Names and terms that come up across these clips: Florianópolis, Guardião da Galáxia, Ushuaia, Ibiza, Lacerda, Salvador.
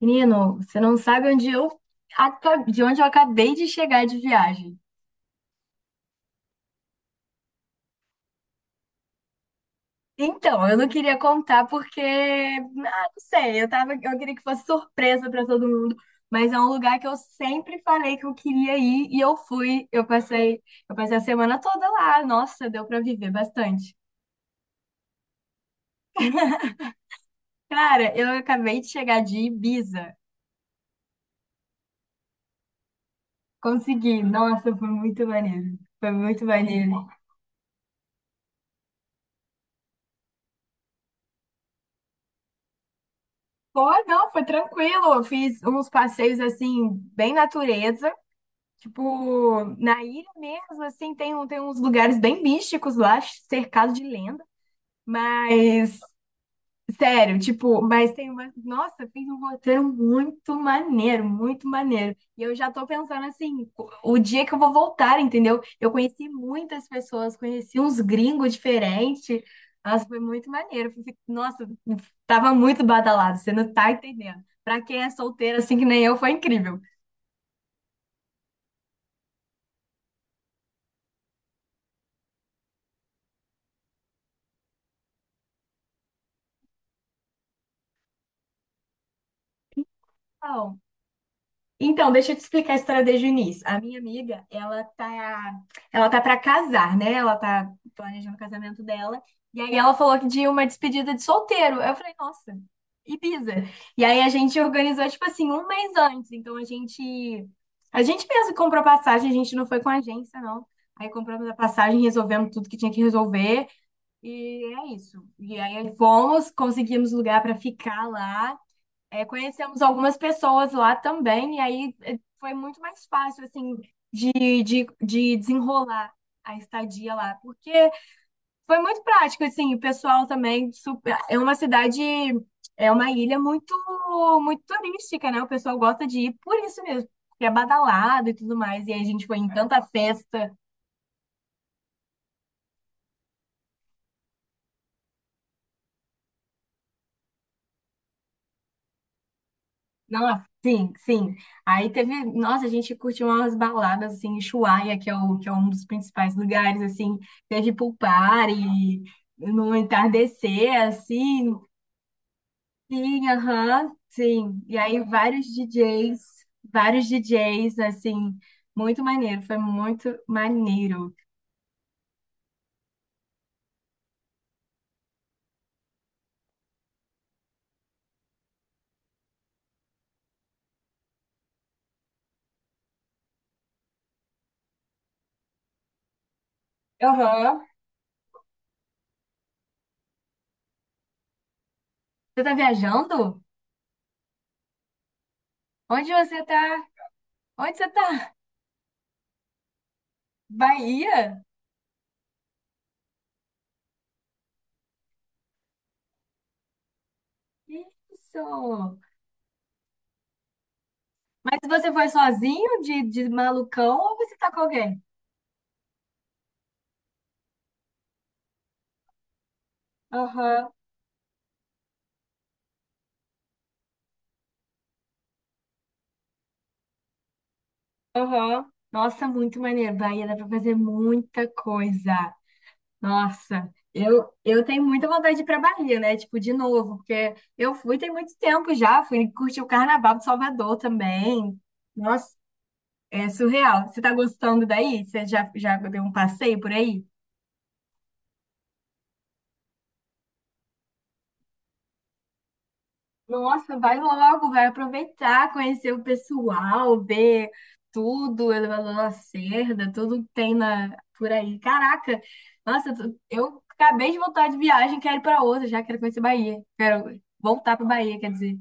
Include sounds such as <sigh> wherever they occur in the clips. Menino, você não sabe onde eu de onde eu acabei de chegar de viagem. Eu não queria contar porque, não sei, eu queria que fosse surpresa para todo mundo, mas é um lugar que eu sempre falei que eu queria ir e eu fui. Eu passei a semana toda lá. Nossa, deu para viver bastante. Cara, eu acabei de chegar de Ibiza. Consegui. Nossa, foi muito maneiro. Foi muito maneiro. Pô, não, foi tranquilo. Eu fiz uns passeios assim, bem natureza. Tipo, na ilha mesmo, assim, tem uns lugares bem místicos lá, cercado de lenda. Mas, sério, tipo, mas tem uma. Nossa, fiz um roteiro muito maneiro, muito maneiro. E eu já tô pensando assim, o dia que eu vou voltar, entendeu? Eu conheci muitas pessoas, conheci uns gringos diferentes. Nossa, foi muito maneiro. Nossa, tava muito badalado, você não tá entendendo. Pra quem é solteiro assim que nem eu, foi incrível. Então, Então, deixa eu te explicar a história desde o início. A minha amiga, ela tá para casar, né? Ela tá planejando o casamento dela. E aí ela falou que de uma despedida de solteiro. Eu falei, nossa, Ibiza. E aí a gente organizou tipo assim um mês antes. A gente mesmo comprou passagem, a gente não foi com a agência, não. Aí compramos a passagem, resolvemos tudo que tinha que resolver e é isso. E aí fomos, conseguimos lugar para ficar lá. É, conhecemos algumas pessoas lá também, e aí é, foi muito mais fácil, assim, de, de desenrolar a estadia lá, porque foi muito prático, assim, o pessoal também, super, é uma ilha muito, muito turística, né? O pessoal gosta de ir por isso mesmo, porque é badalado e tudo mais, e aí a gente foi em tanta festa. Nossa, sim, sim. Aí teve, nossa, a gente curtiu umas baladas assim em Ushuaia, que é um dos principais lugares assim, teve pool party, no entardecer assim. Sim, aham, sim. E aí vários DJs, vários DJs assim, muito maneiro, foi muito maneiro. Aham. Você tá viajando? Onde você tá? Onde você tá? Bahia? Isso. Mas você foi sozinho de malucão ou você tá com alguém? Aham, aham. Nossa, muito maneiro. Bahia dá pra fazer muita coisa. Nossa, eu tenho muita vontade de ir pra Bahia, né? Tipo, de novo, porque eu fui tem muito tempo já. Fui curtir o Carnaval de Salvador também. Nossa, é surreal. Você tá gostando daí? Já deu um passeio por aí? Nossa, vai logo, vai aproveitar, conhecer o pessoal, ver tudo, elevador Lacerda, tudo que tem na, por aí. Caraca, nossa, eu acabei de voltar de viagem, quero ir para outra, já quero conhecer Bahia. Quero voltar para Bahia, quer dizer.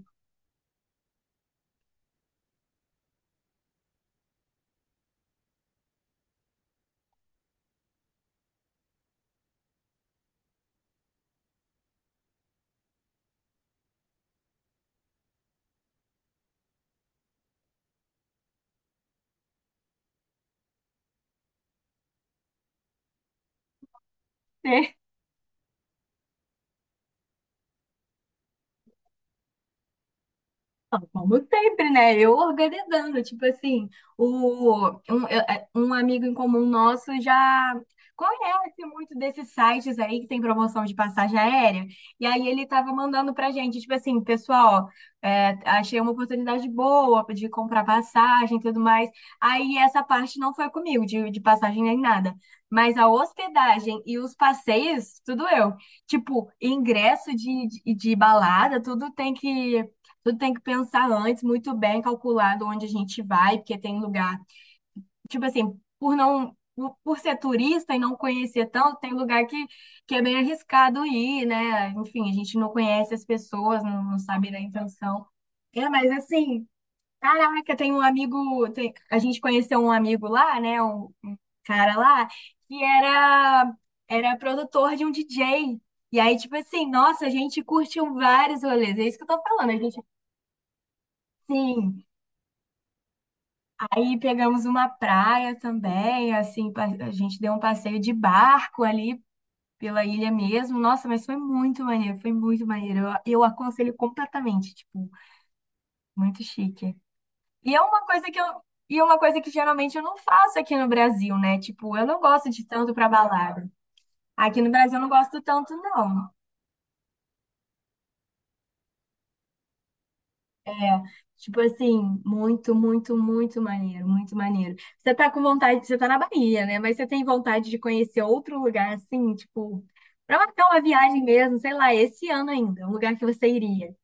<laughs> Como sempre, né? Eu organizando, tipo assim, o, um, eu- é, um amigo em comum nosso já conhece muito desses sites aí que tem promoção de passagem aérea, e aí ele tava mandando pra gente, tipo assim, pessoal, achei uma oportunidade boa de comprar passagem e tudo mais. Aí essa parte não foi comigo, de passagem nem nada, mas a hospedagem e os passeios, tudo eu. Tipo, ingresso de balada, tudo tem que. Tudo tem que pensar antes, muito bem calculado onde a gente vai, porque tem lugar, tipo assim, por ser turista e não conhecer tanto, que é bem arriscado ir, né? Enfim, a gente não conhece as pessoas, não sabe da intenção. É, mas assim, caraca, tem um amigo, tem- a gente conheceu um amigo lá, né? Um cara lá, que era, era produtor de um DJ. E aí, tipo assim, nossa, a gente curtiu vários rolês, é isso que eu tô falando, a gente. Sim, aí pegamos uma praia também, assim, a gente deu um passeio de barco ali pela ilha mesmo. Nossa, mas foi muito maneiro, foi muito maneiro. Eu aconselho completamente, tipo, muito chique. E é uma coisa que eu, e é uma coisa que geralmente eu não faço aqui no Brasil, né? Tipo, eu não gosto de tanto pra balada. Aqui no Brasil eu não gosto tanto, não. É, tipo assim, muito, muito, muito maneiro, muito maneiro. Você tá com vontade, você tá na Bahia, né? Mas você tem vontade de conhecer outro lugar assim, tipo, pra marcar uma viagem mesmo, sei lá, esse ano ainda, um lugar que você iria.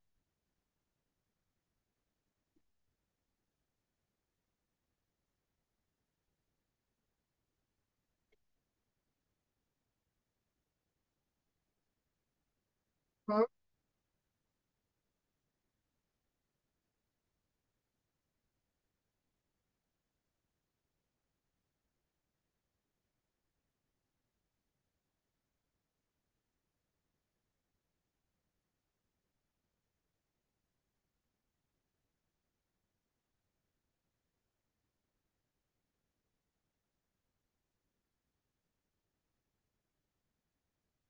Hum,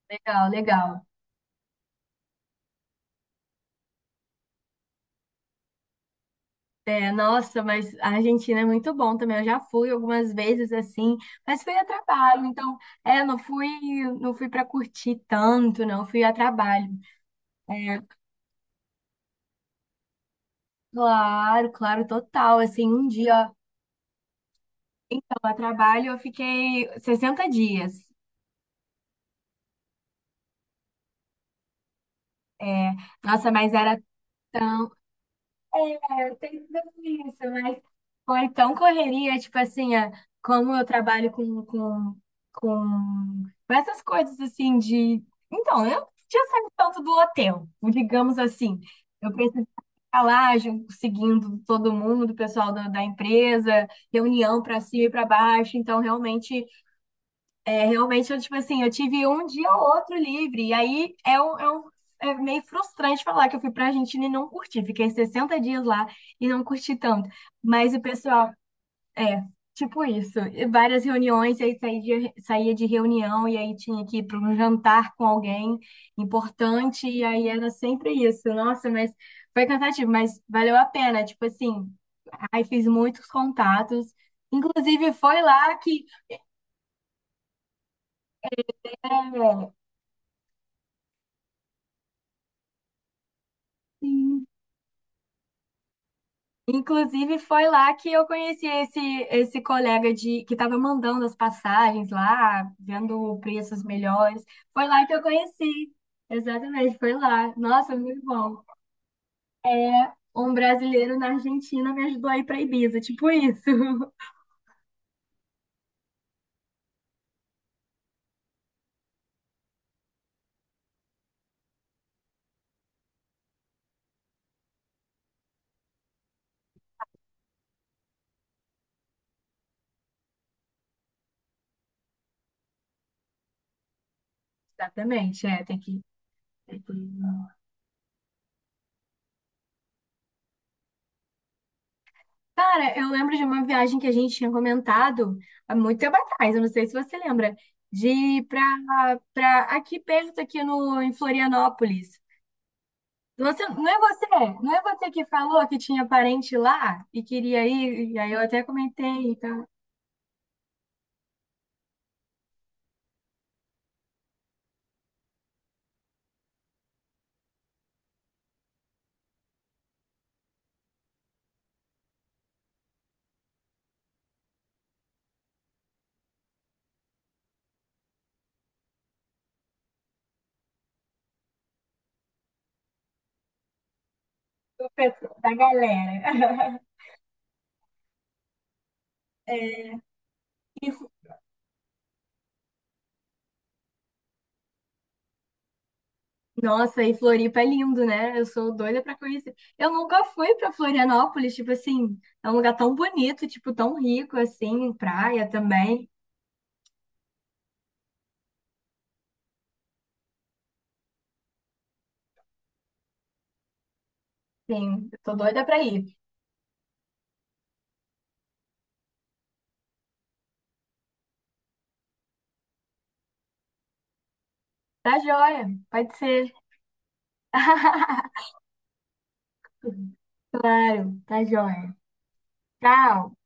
Legal, legal. É, nossa, mas a Argentina é muito bom também. Eu já fui algumas vezes assim, mas fui a trabalho, então, é, não fui, não fui para curtir tanto, não, fui a trabalho. É, claro, claro, total. Assim, um dia. Então, a trabalho eu fiquei 60 dias. É, nossa, mas era tão. É, tem tudo isso, mas foi tão correria, tipo assim, como eu trabalho com essas coisas assim de. Então, eu não tinha saído tanto do hotel, digamos assim. Eu precisava ficar lá, seguindo todo mundo, o pessoal da empresa, reunião para cima e para baixo. Então, realmente. É realmente, tipo assim, eu tive um dia ou outro livre. E aí é, um, é, um- é meio frustrante falar que eu fui pra Argentina e não curti. Fiquei 60 dias lá e não curti tanto. Mas o pessoal, é, tipo isso. E várias reuniões, e aí saía de reunião e aí tinha que ir para um jantar com alguém importante. E aí era sempre isso. Nossa, mas foi cansativo, mas valeu a pena. Tipo assim, aí fiz muitos contatos. Inclusive, foi lá que. É, sim, inclusive, foi lá que eu conheci esse colega de que estava mandando as passagens lá, vendo preços melhores. Foi lá que eu conheci. Exatamente, foi lá. Nossa, muito bom. Um brasileiro na Argentina me ajudou a ir para Ibiza, tipo isso. <laughs> Exatamente, é, tem que. tem que- Cara, eu lembro de uma viagem que a gente tinha comentado há muito tempo atrás, eu não sei se você lembra, de ir para aqui perto, aqui no, em Florianópolis. Você, não é você que falou que tinha parente lá e queria ir, e aí eu até comentei, então, do pessoal, da galera. <laughs> E Flo- Nossa, e Floripa é lindo, né? Eu sou doida pra conhecer. Eu nunca fui pra Florianópolis, tipo assim, é um lugar tão bonito, tipo, tão rico, assim, praia também. Sim, eu tô doida pra ir. Tá joia, pode ser. <laughs> Claro, tá joia. Tchau.